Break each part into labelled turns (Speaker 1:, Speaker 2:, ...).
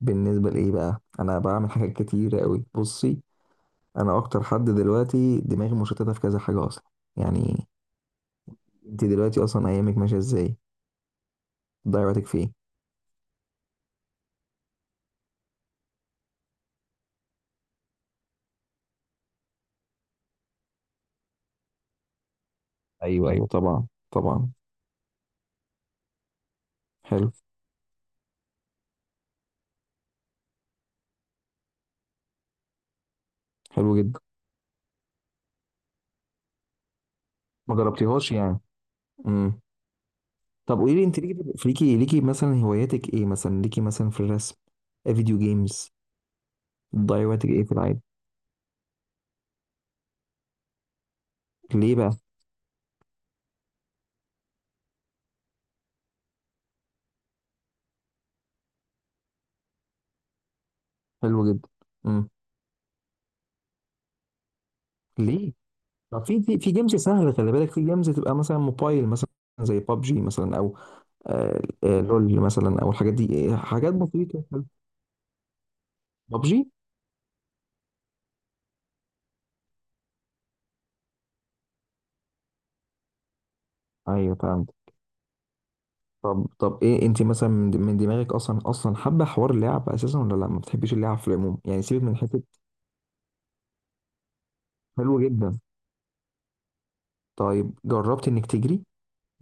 Speaker 1: بالنسبة لإيه بقى، أنا بعمل حاجات كتير أوي. بصي، أنا أكتر حد دلوقتي دماغي مشتتة في كذا حاجة أصلا، يعني. أنت دلوقتي أصلا أيامك ماشية إزاي؟ بتضيعي وقتك في إيه؟ ايوه، ايوه، طبعا، طبعا. حلو. حلو جدا. ما جربتيهاش يعني؟ امم. طب، قولي لي أنت ليكي مثلا هواياتك إيه؟ مثلا ليكي مثلا في الرسم. فيديو جيمز؟ بتضيعي وقتك إيه في العادي؟ ليه بقى؟ حلو جدا. امم. ليه؟ طب، في جيمز سهلة، خلي بالك، في جيمز تبقى مثلا موبايل مثلا، زي بابجي مثلا. لول مثلا، او الحاجات دي، حاجات بسيطه. ببجي. ايوه، فهمت. طب، ايه انت مثلا من دماغك اصلا حابه حوار اللعب اساسا، ولا لا ما بتحبيش اللعب في العموم يعني، سيبك من حته. حلوه جدا. طيب، جربت انك تجري،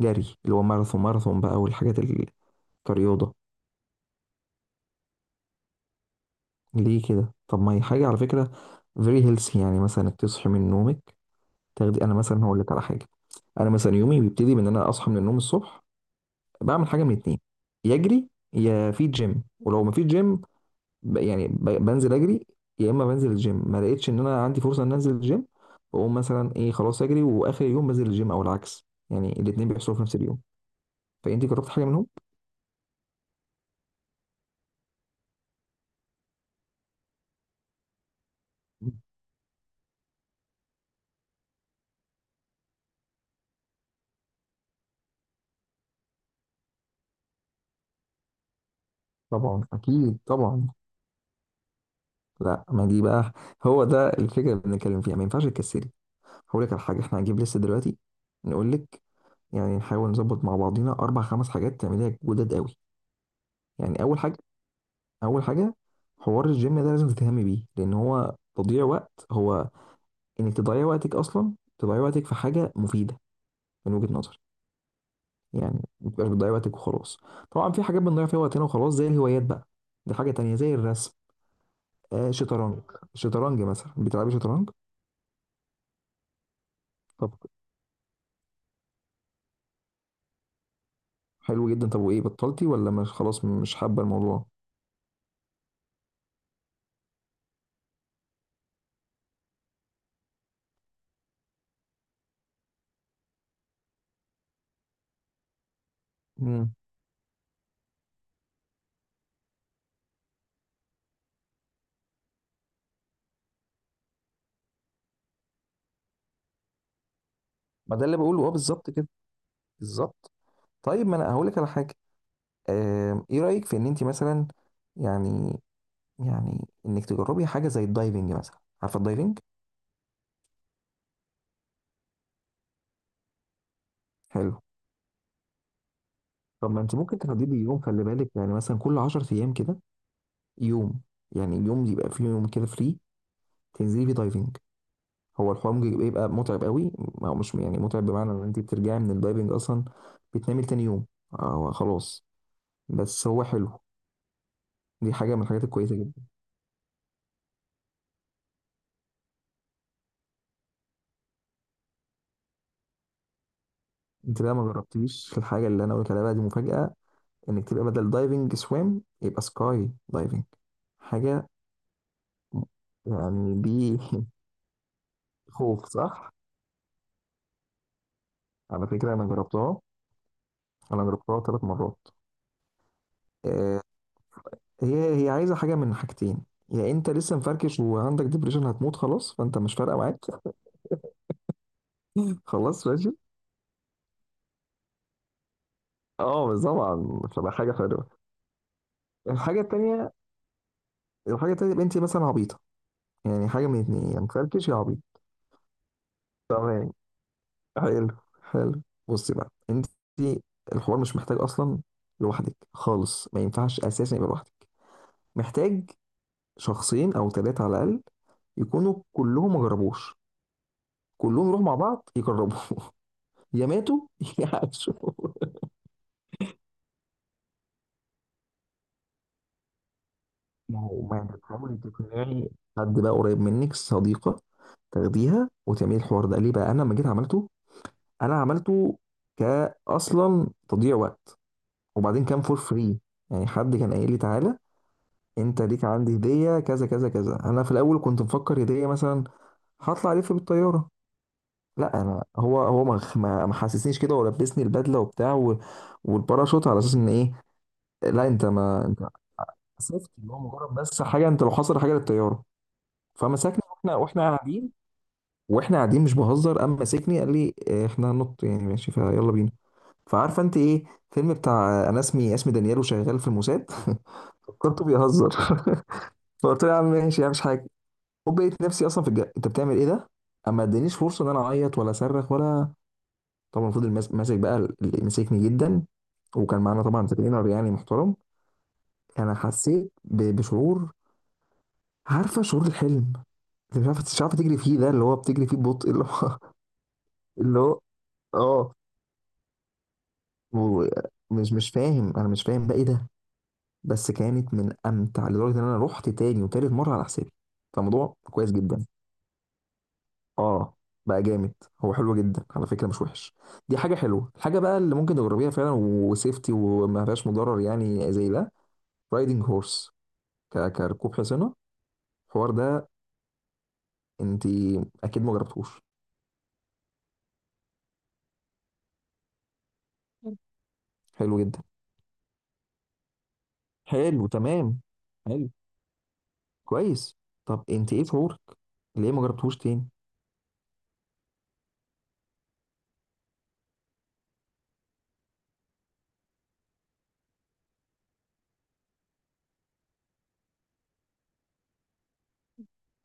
Speaker 1: جري اللي هو ماراثون، ماراثون بقى كرياضه؟ ليه كده؟ طب ما هي حاجه على فكره فيري هيلثي، يعني مثلا انك تصحي من نومك، تاخدي. انا مثلا هقول لك على حاجه، انا مثلا يومي بيبتدي من ان انا اصحى من النوم الصبح، بعمل حاجه من اتنين، يا اجري يا في جيم. ولو ما في جيم، بنزل اجري، يا اما بنزل الجيم. ما لقيتش ان انا عندي فرصه ان انزل الجيم، بقوم مثلا ايه، خلاص اجري، واخر يوم بنزل الجيم، او العكس، يعني الاتنين بيحصلوا في نفس اليوم. فانت جربت حاجه منهم؟ طبعا، اكيد طبعا. لا، ما دي بقى هو ده الفكره اللي بنتكلم فيها، ما ينفعش تكسلي. هقول لك على حاجه، احنا هنجيب لسه دلوقتي نقول لك، يعني نحاول نظبط مع بعضينا اربع خمس حاجات تعمليها جداد قوي. يعني اول حاجه، اول حاجه، حوار الجيم ده لازم تهتمي بيه، لان هو تضييع وقت، هو انك تضيعي وقتك اصلا، تضيعي وقتك في حاجه مفيده من وجهه نظري. يعني ما تبقاش بتضيعي وقتك وخلاص. طبعا في حاجات بنضيع فيها وقتنا وخلاص، زي الهوايات بقى. دي حاجه تانية، زي الرسم، شطرنج. شطرنج مثلا، بتلعبي شطرنج؟ طب حلو جدا. طب وايه، بطلتي؟ ولا مش خلاص مش حابه الموضوع؟ امم، ما ده اللي بقوله، اه، بالظبط كده، بالظبط. طيب ما انا هقول لك على حاجه، ايه رايك في ان انت مثلا، يعني يعني انك تجربي حاجه زي الدايفنج مثلا، عارفه الدايفنج؟ حلو. طب ما انت ممكن تحددي يوم، خلي بالك يعني، مثلا كل 10 ايام كده، يوم، يعني يوم يبقى فيه، يوم كده فري تنزلي فيه دايفنج. هو الحوار ممكن يبقى متعب قوي، او مش يعني متعب، بمعنى ان انت بترجعي من الدايفنج اصلا بتنامي تاني يوم، أو خلاص. بس هو حلو، دي حاجه من الحاجات الكويسه جدا. انت بقى ما جربتيش الحاجه اللي انا قلت عليها بقى، دي مفاجاه، انك تبقى بدل دايفنج سويم يبقى سكاي دايفنج، حاجه يعني دي خوخ صح، على فكرة أنا جربتها. أنا جربتها ثلاث مرات. آه، هي عايزة حاجة من حاجتين، يا أنت لسه مفركش وعندك ديبريشن هتموت خلاص فأنت مش فارقة معاك. خلاص ماشي. أه بس طبعا، فبقى حاجة حلوة. الحاجة التانية، يبقى أنت مثلا عبيطة، يعني حاجة من اتنين، يا مفركش يا عبيط. تمام، حلو. حلو. بصي بقى أنت، الحوار مش محتاج أصلا لوحدك خالص، ما ينفعش أساسا يبقى لوحدك، محتاج شخصين او ثلاثه على الاقل، يكونوا كلهم ما جربوش، كلهم يروحوا مع بعض يجربوا يا ماتوا يا عاشوا. ما هو، ما انت تحاولي تقنعي حد بقى قريب منك، صديقه تاخديها وتعملي الحوار ده. ليه؟ بقى انا لما جيت عملته، انا عملته كاصلا تضييع وقت، وبعدين كان فور فري، يعني حد كان قايل لي تعالى، انت ليك عندي هديه كذا كذا كذا. انا في الاول كنت مفكر هديه، مثلا هطلع الف بالطياره. لا، انا هو ما حسسنيش كده، ولبسني البدله وبتاع والباراشوت، على اساس ان ايه. لا انت، ما انت اسفت اللي هو مجرد، بس حاجه انت لو حصل حاجه للطياره. فمسكني واحنا قاعدين، واحنا قاعدين مش بهزر، قام ماسكني قال لي احنا هننط، يعني ماشي فيلا بينا. فعارفه انت ايه، فيلم بتاع انا اسمي دانيال وشغال في الموساد فكرته بيهزر. فقلت له يا عم، ماشي يا عم، مش حاجه. وبقيت نفسي اصلا في الجا، انت بتعمل ايه ده؟ اما ادانيش فرصه ان انا اعيط ولا اصرخ ولا، طبعا فضل ماسك بقى، اللي مسكني جدا. وكان معانا طبعا ترينر يعني محترم. انا حسيت بشعور، عارفه شعور الحلم، اللي مش عارفه تجري فيه، ده اللي هو بتجري فيه ببطء، اللي هو اللي هو، اه، و- مش فاهم، انا مش فاهم بقى ايه ده. بس كانت من امتع لدرجه ان انا رحت تاني وتالت مره على حسابي. فالموضوع كويس جدا. اه، بقى جامد. هو حلو جدا على فكره، مش وحش. دي حاجه حلوه. الحاجه بقى اللي ممكن تجربيها فعلا وسيفتي وما فيهاش مضرر، يعني زي ده، رايدنج هورس، كركوب حصانه. الحوار ده، انت اكيد ما جربتوش. حلو جدا. حلو تمام. حلو. كويس. طب انت ايه شعورك؟ ليه ما جربتوش تاني؟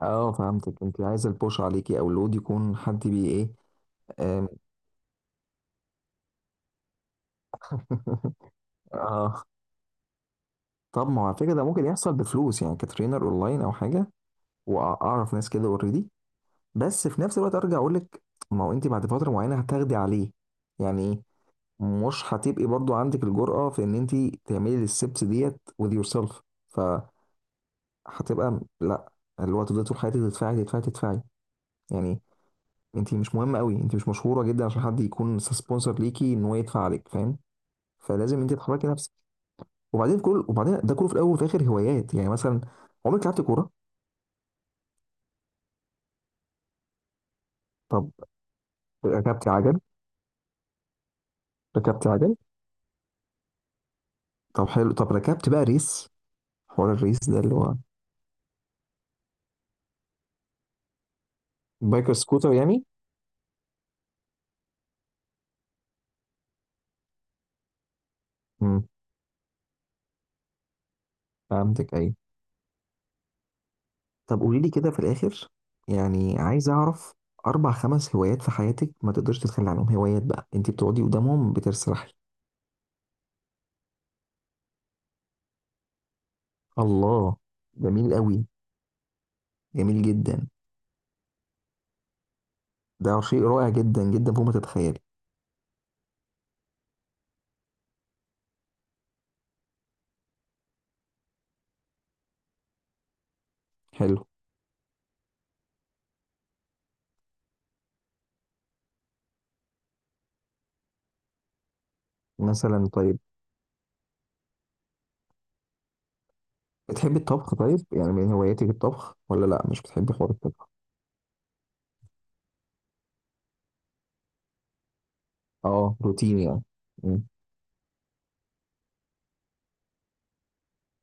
Speaker 1: اه، فهمتك، انت عايزه البوش عليكي، او اللود يكون حد بي ايه. آم، اه. طب ما هو على فكره ده ممكن يحصل بفلوس، يعني كترينر اونلاين او حاجه، واعرف ناس كده اوريدي. بس في نفس الوقت ارجع اقول لك، ما هو انت بعد فتره معينه هتاخدي عليه. يعني ايه؟ مش هتبقي برضو عندك الجرأة في ان انت تعملي الستبس ديت with yourself. فهتبقى لا، اللي هو تفضلي طول حياتك تدفعي، يعني انت مش مهمة قوي، انت مش مشهورة جدا عشان حد يكون سبونسر ليكي ان هو يدفع عليك، فاهم؟ فلازم انت تحركي نفسك. وبعدين ده كله في الاول وفي الاخر هوايات، يعني مثلا عمرك لعبت كورة؟ طب ركبت عجل؟ ركبت عجل طب حلو. طب ركبت بقى ريس، حوار الريس ده اللي هو بايكر سكوتر يعني؟ امم، فهمتك، ايوه. طب قولي لي كده في الآخر، يعني عايز أعرف أربع خمس هوايات في حياتك ما تقدرش تتخلى عنهم، هوايات بقى أنت بتقعدي قدامهم بترسرحي. الله، جميل قوي. جميل جدا، ده شيء رائع جدا جدا فوق ما تتخيلي. حلو، مثلا طيب، بتحبي الطبخ؟ طيب يعني من هواياتك الطبخ ولا لا مش بتحبي حوار الطبخ؟ اه، روتين يعني. مم.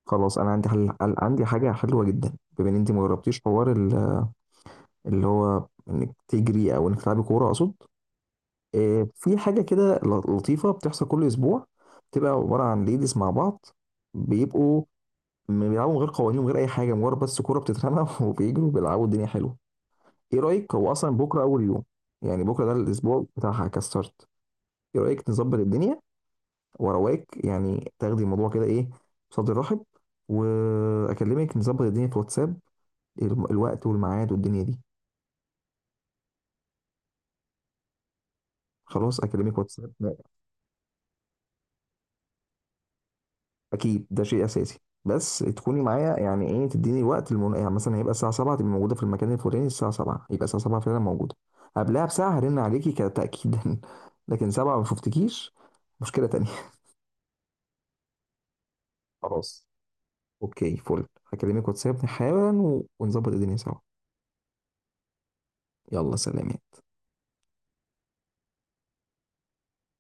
Speaker 1: خلاص، انا عندي عندي حاجه حلوه جدا، بما ان انت ما جربتيش حوار اللي هو انك تجري، او انك تلعبي كوره اقصد، في حاجة كده لطيفة بتحصل كل أسبوع، بتبقى عبارة عن ليديز مع بعض، بيبقوا بيلعبوا من غير قوانين ومن غير أي حاجة، مجرد بس كورة بتترمى وبيجروا بيلعبوا. الدنيا حلوة. إيه رأيك؟ هو أصلا بكرة أول يوم يعني، بكرة ده الأسبوع بتاعها كستارت. إيه رأيك نظبط الدنيا وأرواك، يعني تاخدي الموضوع كده إيه، بصدر رحب، وأكلمك نظبط الدنيا في واتساب، الوقت والميعاد والدنيا دي. خلاص أكلمك واتساب. اكيد، ده شيء اساسي، بس تكوني معايا، يعني ايه، تديني الوقت، يعني مثلا هيبقى الساعه 7 تبقى موجوده في المكان الفلاني، الساعه 7 يبقى الساعه 7 فعلا موجوده. قبلها بساعه هرن عليكي كتاكيدا لكن 7 ما شفتكيش، مشكله تانية. خلاص اوكي فل، هكلمك واتساب حالا ونظبط الدنيا سوا. يلا سلام.